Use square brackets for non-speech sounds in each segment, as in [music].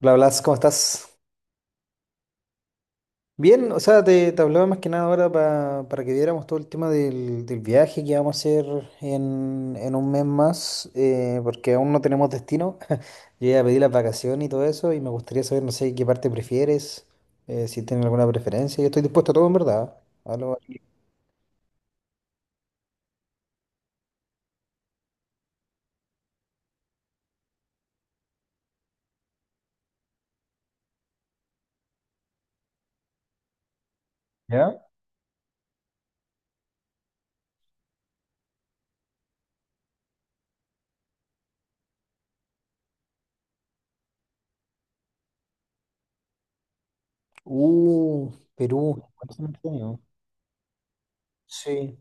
Hola, Blas, ¿cómo estás? Bien, o sea, te hablaba más que nada ahora para que viéramos todo el tema del viaje que vamos a hacer en un mes más, porque aún no tenemos destino. [laughs] Yo ya pedí las vacaciones y todo eso, y me gustaría saber, no sé, qué parte prefieres, si tienes alguna preferencia. Yo estoy dispuesto a todo, en verdad. A lo- ¿Ya? Perú. ¿Cuánto se me entendió? Sí.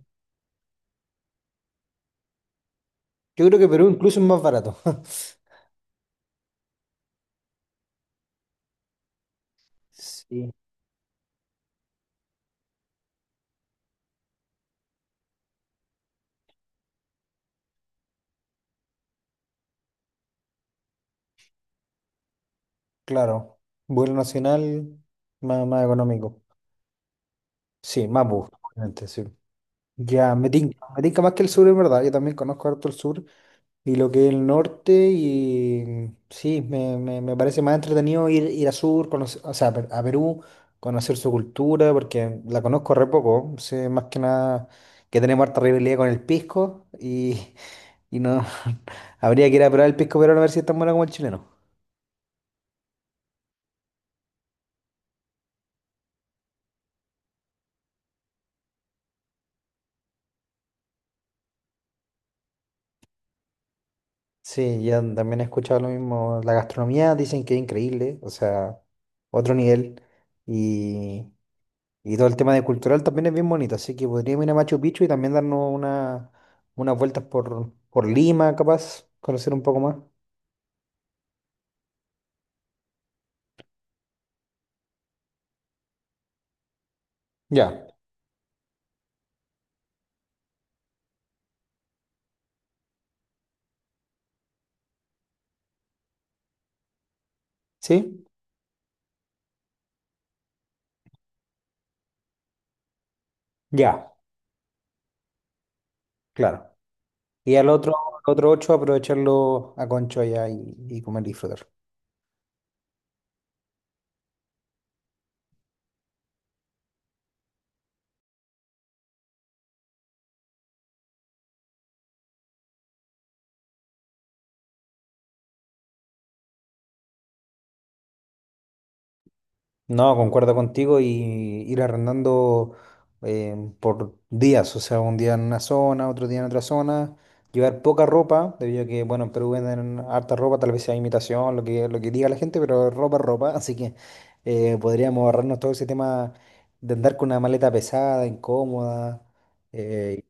Yo creo que Perú incluso es más barato. [laughs] Sí, claro. Vuelo nacional, más económico. Sí, Mapu, obviamente, sí. Ya, me tinca más que el sur, en verdad. Yo también conozco harto el sur y lo que es el norte y sí, me parece más entretenido ir a sur, conocer, o sea, a Perú, conocer su cultura, porque la conozco re poco. Sé más que nada que tenemos harta rivalidad con el pisco y no, [laughs] habría que ir a probar el pisco peruano a ver si es tan bueno como el chileno. Sí, yo también he escuchado lo mismo. La gastronomía dicen que es increíble, o sea, otro nivel. Y, Y todo el tema de cultural también es bien bonito, así que podríamos ir a Machu Picchu y también darnos unas vueltas por Lima, capaz, conocer un poco más. Ya, ¿sí? Ya, claro. Y al otro ocho aprovecharlo a Conchoya y comer y disfrutar. No, concuerdo contigo y ir arrendando, por días, o sea, un día en una zona, otro día en otra zona, llevar poca ropa, debido a que, bueno, en Perú venden harta ropa, tal vez sea imitación, lo que diga la gente, pero ropa es ropa. [laughs] Así que podríamos ahorrarnos todo ese tema de andar con una maleta pesada, incómoda, eh,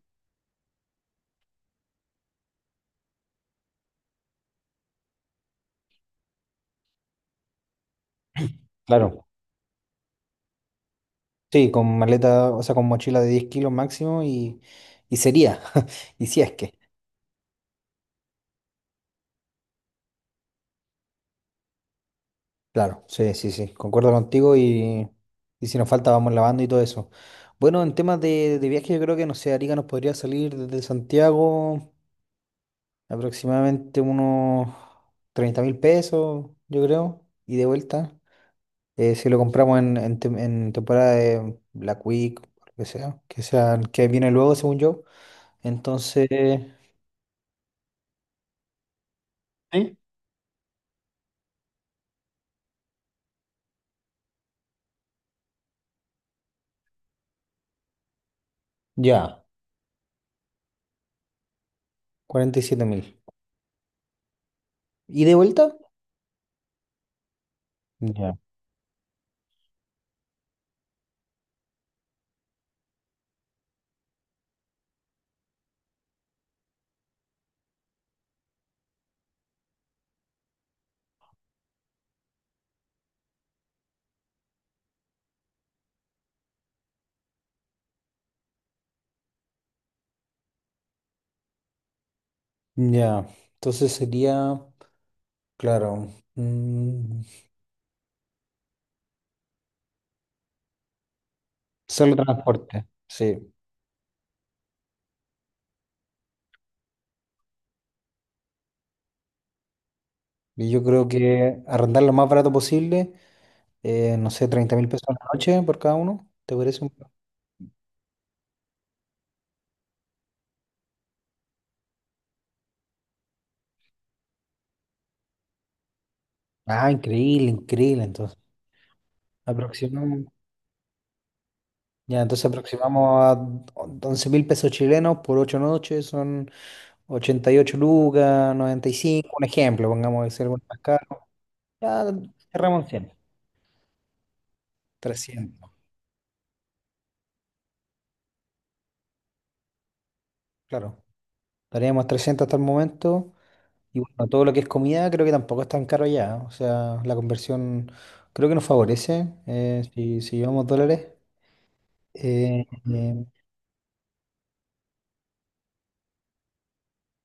claro, sí, con maleta, o sea, con mochila de 10 kilos máximo y sería, [laughs] y si es que. Claro, sí, sí, sí, concuerdo contigo y si nos falta vamos lavando y todo eso. Bueno, en temas de viaje yo creo que, no sé, Arica nos podría salir desde Santiago aproximadamente unos 30.000 pesos, yo creo, y de vuelta. Si lo compramos en temporada de Black Week, o lo que sea, que viene luego según yo. Entonces, sí. Ya, 47.000. ¿Y de vuelta? Ya. Ya, entonces sería. Claro. Solo transporte, sí. Y yo creo que arrendar lo más barato posible, no sé, 30.000 pesos a la noche por cada uno. ¿Te parece un? Ah, increíble, increíble. Entonces, aproximamos, ya, entonces aproximamos a 11.000 pesos chilenos por 8 noches, son 88 lucas, 95, un ejemplo, pongamos que sea algo más caro. Ya cerramos en 100, 300, claro. Estaríamos a 300 hasta el momento. Y bueno, todo lo que es comida creo que tampoco es tan caro allá. O sea, la conversión creo que nos favorece, si llevamos dólares. Eh, eh,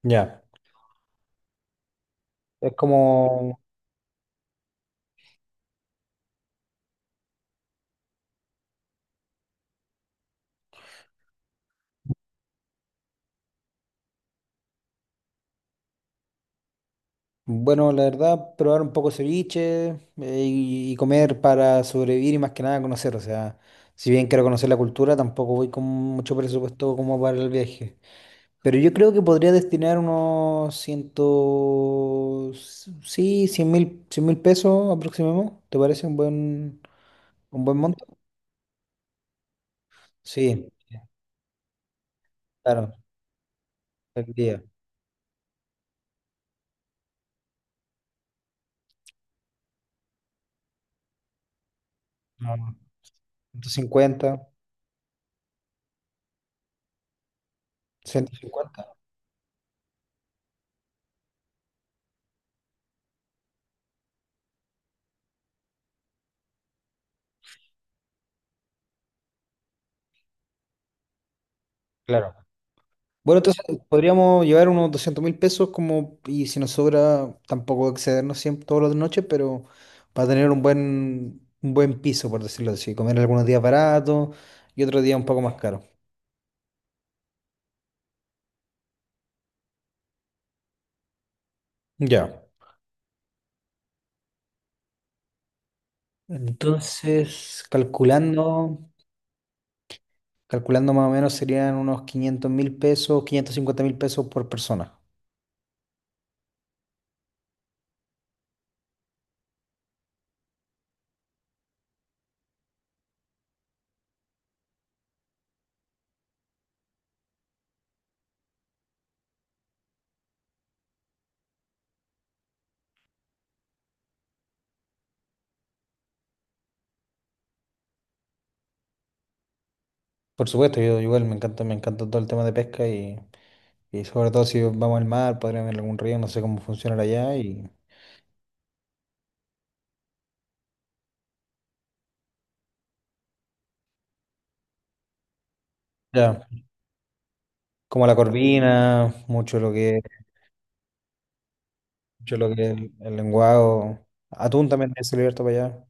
ya. Es como, bueno, la verdad, probar un poco ceviche, y comer para sobrevivir y más que nada conocer. O sea, si bien quiero conocer la cultura, tampoco voy con mucho presupuesto como para el viaje. Pero yo creo que podría destinar unos ciento. Sí, cien mil pesos aproximamos. ¿Te parece un buen? Un buen monto. Sí, claro, el día. No, ciento cincuenta ciento cincuenta, claro. Bueno, entonces podríamos llevar unos 200.000 pesos como, y si nos sobra, tampoco excedernos siempre todas las noches, pero para tener un buen piso, por decirlo así. Comer algunos días baratos y otros días un poco más caros. Ya. Entonces, calculando más o menos serían unos 500.000 pesos, 550.000 pesos por persona. Por supuesto, yo igual me encanta todo el tema de pesca y sobre todo si vamos al mar, podríamos ir a algún río, no sé cómo funciona allá y ya, como la corvina, mucho lo que es el lenguado, atún también es abierto para allá,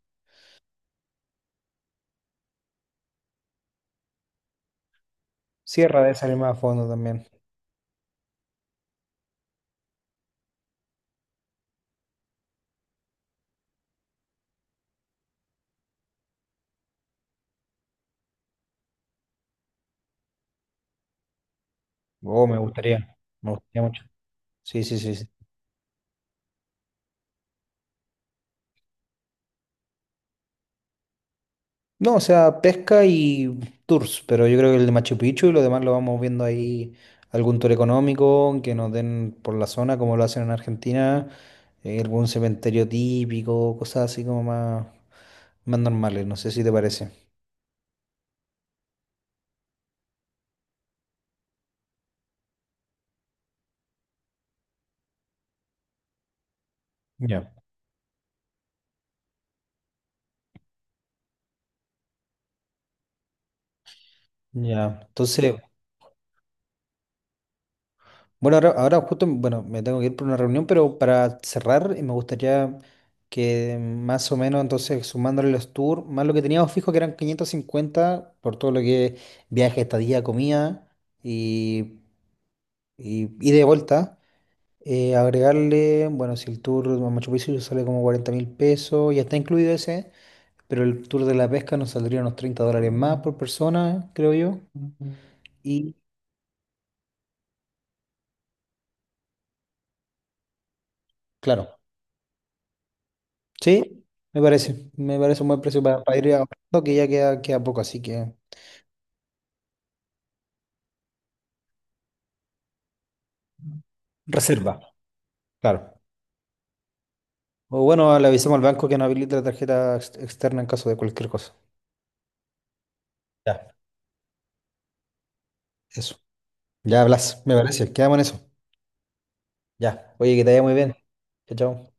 sierra de salir más a fondo también, oh, me gustaría mucho, sí, sí, sí, sí. No, o sea, pesca y tours, pero yo creo que el de Machu Picchu y lo demás lo vamos viendo ahí, algún tour económico que nos den por la zona, como lo hacen en Argentina, algún cementerio típico, cosas así como más, normales, no sé si te parece. Ya. Ya, entonces. Bueno, ahora justo, bueno, me tengo que ir por una reunión, pero para cerrar, me gustaría que más o menos, entonces, sumándole los tours, más lo que teníamos fijo, que eran 550 por todo lo que es viaje, estadía, comida y, y, ida y de vuelta, agregarle, bueno, si el tour a Machu Picchu sale como 40.000 pesos, ya está incluido ese, pero el tour de la pesca nos saldría unos $30 más por persona, creo yo. Ujú. Y claro. Sí, me parece. Me parece un buen precio para ir ahorrando, que ya queda poco, así que reserva, claro. O bueno, le avisamos al banco que no habilite la tarjeta externa en caso de cualquier cosa. Ya, eso. Ya hablas, me parece. Quedamos en eso. Ya. Oye, que te vaya muy bien. Chao, chao.